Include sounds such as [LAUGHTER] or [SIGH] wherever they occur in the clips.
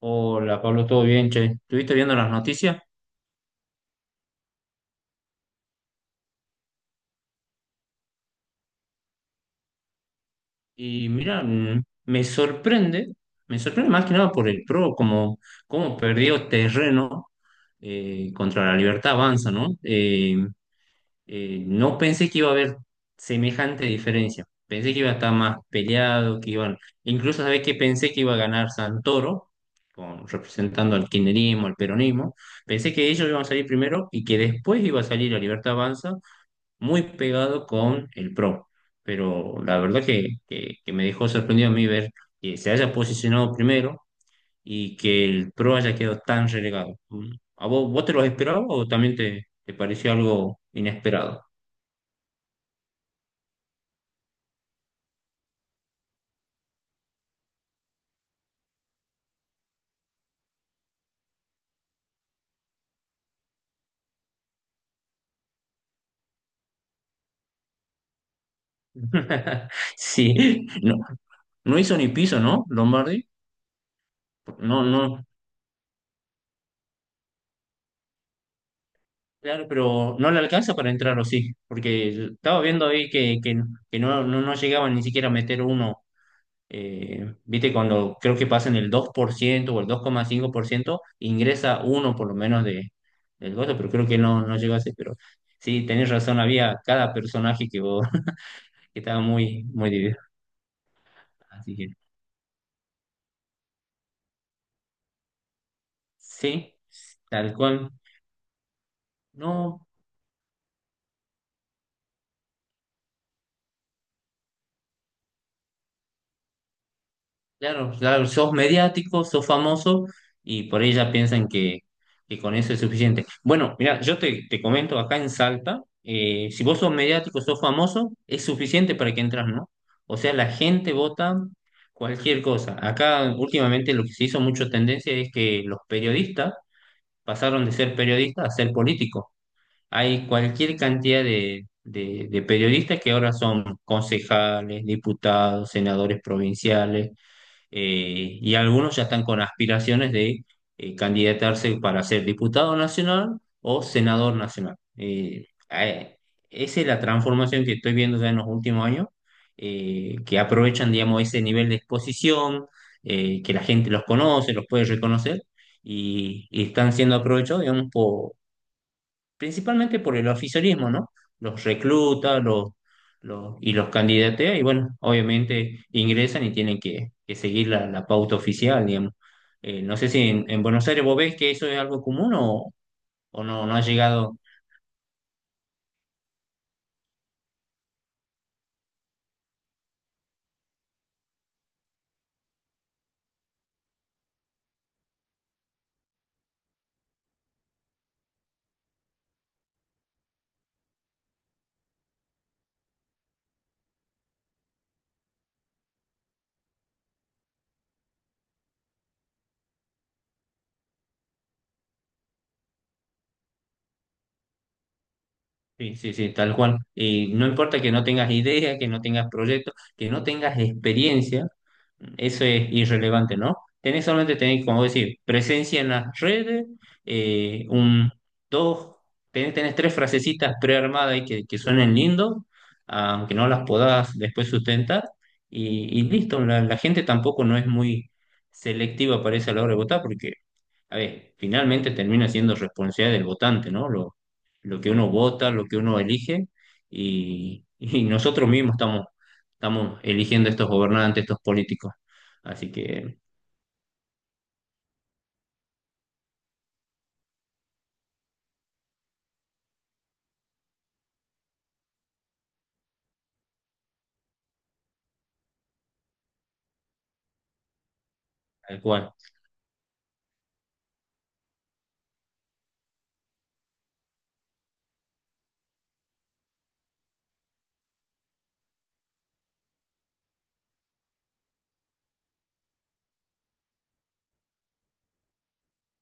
Hola, Pablo, ¿todo bien, che? Estuviste viendo las noticias y mira, me sorprende más que nada por el PRO, como, como perdió terreno contra la Libertad Avanza, ¿no? No pensé que iba a haber semejante diferencia, pensé que iba a estar más peleado, que iban, incluso, ¿sabés que pensé que iba a ganar Santoro, con, representando al kirchnerismo, al peronismo, pensé que ellos iban a salir primero y que después iba a salir la Libertad Avanza muy pegado con el Pro, pero la verdad que, que me dejó sorprendido a mí ver que se haya posicionado primero y que el Pro haya quedado tan relegado. ¿A vos, vos te lo esperabas o también te pareció algo inesperado? [LAUGHS] Sí, no, no hizo ni piso, ¿no? Lombardi. No, no, claro, pero no le alcanza para entrar o sí, porque estaba viendo ahí que no, no, no llegaba ni siquiera a meter uno viste, cuando creo que pasan el 2% o el 2.5% ingresa uno por lo menos de, del gozo, pero creo que no, no llegó a ser, pero sí, tenés razón, había cada personaje que. [LAUGHS] Que estaba muy, muy dividido. Así que sí, tal cual. No, claro, claro, sos mediático, sos famoso y por ahí ya piensan que con eso es suficiente. Bueno, mira, yo te, te comento acá en Salta, si vos sos mediático, sos famoso, es suficiente para que entras, ¿no? O sea, la gente vota cualquier cosa. Acá últimamente lo que se hizo mucho tendencia es que los periodistas pasaron de ser periodistas a ser políticos. Hay cualquier cantidad de, de periodistas que ahora son concejales, diputados, senadores provinciales y algunos ya están con aspiraciones de candidatarse para ser diputado nacional o senador nacional. Esa es la transformación que estoy viendo ya en los últimos años, que aprovechan, digamos, ese nivel de exposición, que la gente los conoce, los puede reconocer, y están siendo aprovechados, digamos, principalmente por el oficialismo, ¿no? Los recluta, los, y los candidatea, y bueno, obviamente ingresan y tienen que seguir la, la pauta oficial, digamos. No sé si en, en Buenos Aires vos ves que eso es algo común o no, no ha llegado. Sí, sí, sí, tal cual. Y no importa que no tengas idea, que no tengas proyectos, que no tengas experiencia. Eso es irrelevante, ¿no? Tenés solamente, tenés, como decir, presencia en las redes, un, dos, tenés, tenés tres frasecitas prearmadas y que suenen lindo, aunque no las podás después sustentar, y listo, la gente tampoco no es muy selectiva, parece, a la hora de votar, porque, a ver, finalmente termina siendo responsabilidad del votante, ¿no? Lo que uno vota, lo que uno elige, y nosotros mismos estamos eligiendo estos gobernantes, estos políticos. Así que, tal cual.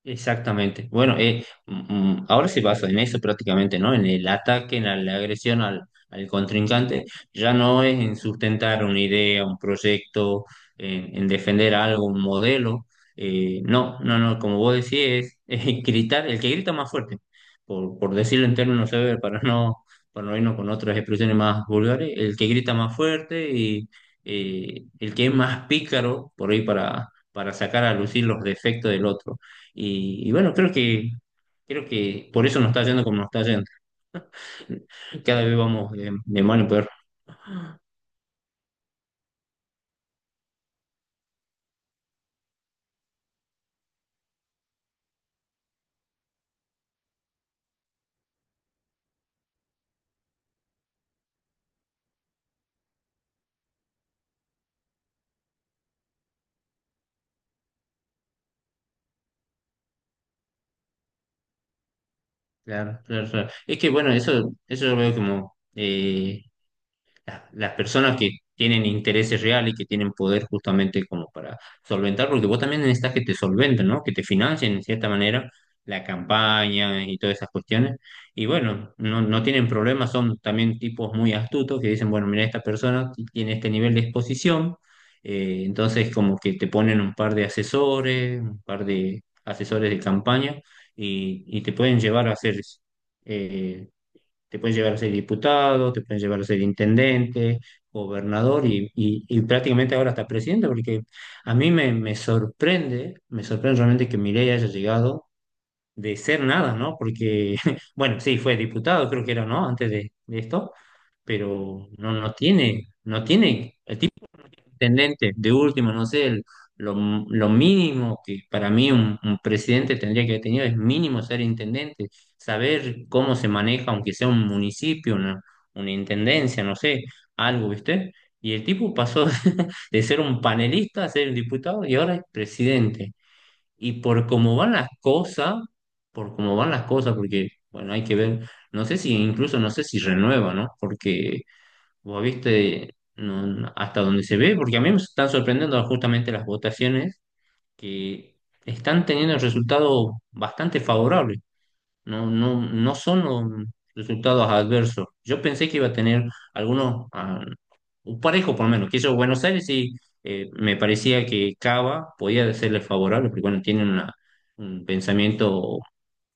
Exactamente. Bueno, ahora se basa en eso prácticamente, ¿no? En el ataque, en la, la agresión al, al contrincante. Ya no es en sustentar una idea, un proyecto, en defender algo, un modelo. No, no, no, como vos decís, es, [LAUGHS] es gritar, el que grita más fuerte, por decirlo en términos severos, para no irnos con otras expresiones más vulgares, el que grita más fuerte y el que es más pícaro, por ahí para sacar a lucir los defectos del otro. Y bueno, creo que por eso nos está yendo como nos está yendo. Cada vez vamos de mal en peor. Claro, claro, claro. Es que bueno, eso yo lo veo como, las personas que tienen intereses reales y que tienen poder justamente como para solventar, porque vos también necesitas que te solventen, ¿no? Que te financien en cierta manera la campaña y todas esas cuestiones. Y bueno, no, no tienen problemas, son también tipos muy astutos que dicen, bueno, mira, esta persona tiene este nivel de exposición, entonces como que te ponen un par de asesores, un par de asesores de campaña y te pueden llevar a hacer eh, te pueden llegar a ser diputado, te pueden llegar a ser intendente, gobernador y prácticamente ahora hasta presidente, porque a mí me, me sorprende realmente que Milei haya llegado de ser nada, ¿no? Porque, [LAUGHS] bueno, sí, fue diputado, creo que era, ¿no? Antes de esto, pero no, no tiene, no tiene, el intendente, de último, no sé, lo, lo mínimo que para mí un presidente tendría que haber tenido es mínimo ser intendente, saber cómo se maneja, aunque sea un municipio, una intendencia, no sé, algo, ¿viste? Y el tipo pasó [LAUGHS] de ser un panelista a ser un diputado y ahora es presidente. Y por cómo van las cosas, por cómo van las cosas, porque, bueno, hay que ver, no sé si incluso, no sé si renueva, ¿no? Porque vos viste no, no, hasta donde se ve, porque a mí me están sorprendiendo justamente las votaciones que están teniendo resultados bastante favorables. No, no, no son resultados adversos. Yo pensé que iba a tener algunos, ah, un parejo por lo menos, que eso Buenos Aires sí me parecía que Cava podía serle favorable, porque bueno, un pensamiento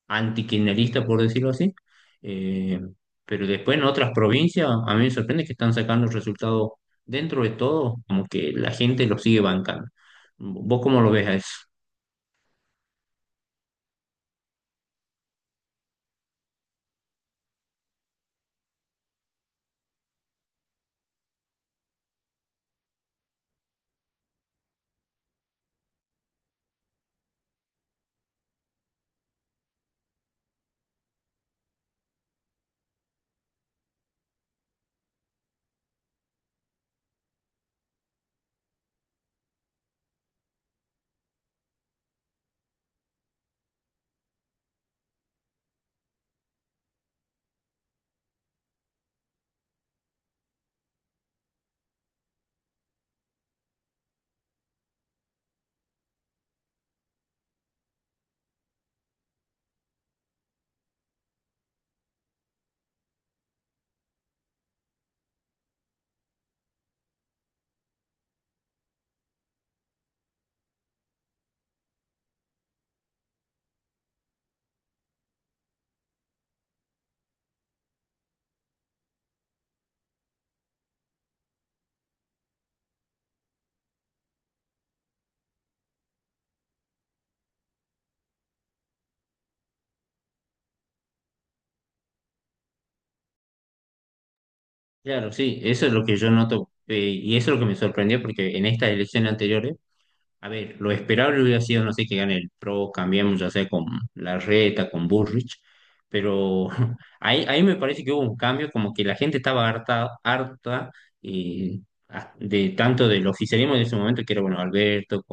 antikirchnerista, por decirlo así. Eh, pero después en otras provincias, a mí me sorprende que están sacando resultados dentro de todo, como que la gente lo sigue bancando. ¿Vos cómo lo ves a eso? Claro, sí, eso es lo que yo noto, y eso es lo que me sorprendió, porque en estas elecciones anteriores a ver, lo esperable hubiera sido, no sé, que gane el Pro, cambiamos ya sea con Larreta, con Burrich, pero [LAUGHS] ahí, ahí me parece que hubo un cambio, como que la gente estaba harta, harta eh, de tanto del oficialismo de ese momento, que era, bueno, Alberto,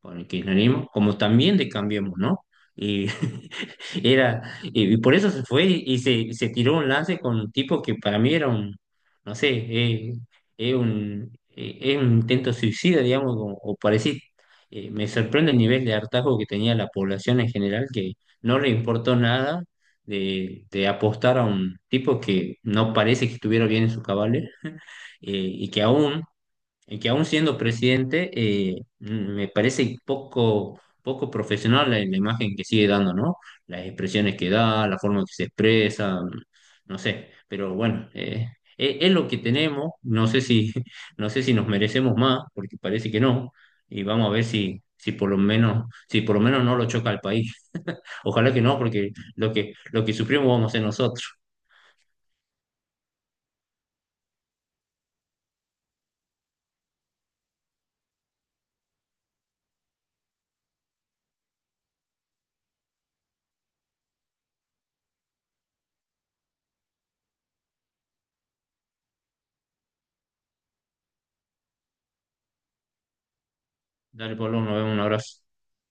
con el kirchnerismo, como también de Cambiemos, ¿no? Y [LAUGHS] era, y por eso se fue y se tiró un lance con un tipo que para mí era un, no sé, es un intento suicida, digamos, o parecido. Me sorprende el nivel de hartazgo que tenía la población en general, que no le importó nada de, de apostar a un tipo que no parece que estuviera bien en sus cabales [LAUGHS] eh, y que aún y que aún siendo presidente, me parece poco, poco profesional la, la imagen que sigue dando, ¿no? Las expresiones que da, la forma en que se expresa, no sé, pero bueno, es, lo que tenemos, no sé si, [LAUGHS] no sé si nos merecemos más, porque parece que no, y vamos a ver si... Si por lo menos, si por lo menos no lo choca al país. [LAUGHS] Ojalá que no, porque lo que sufrimos vamos a ser nosotros. Dale, Pablo, nos vemos, un abrazo.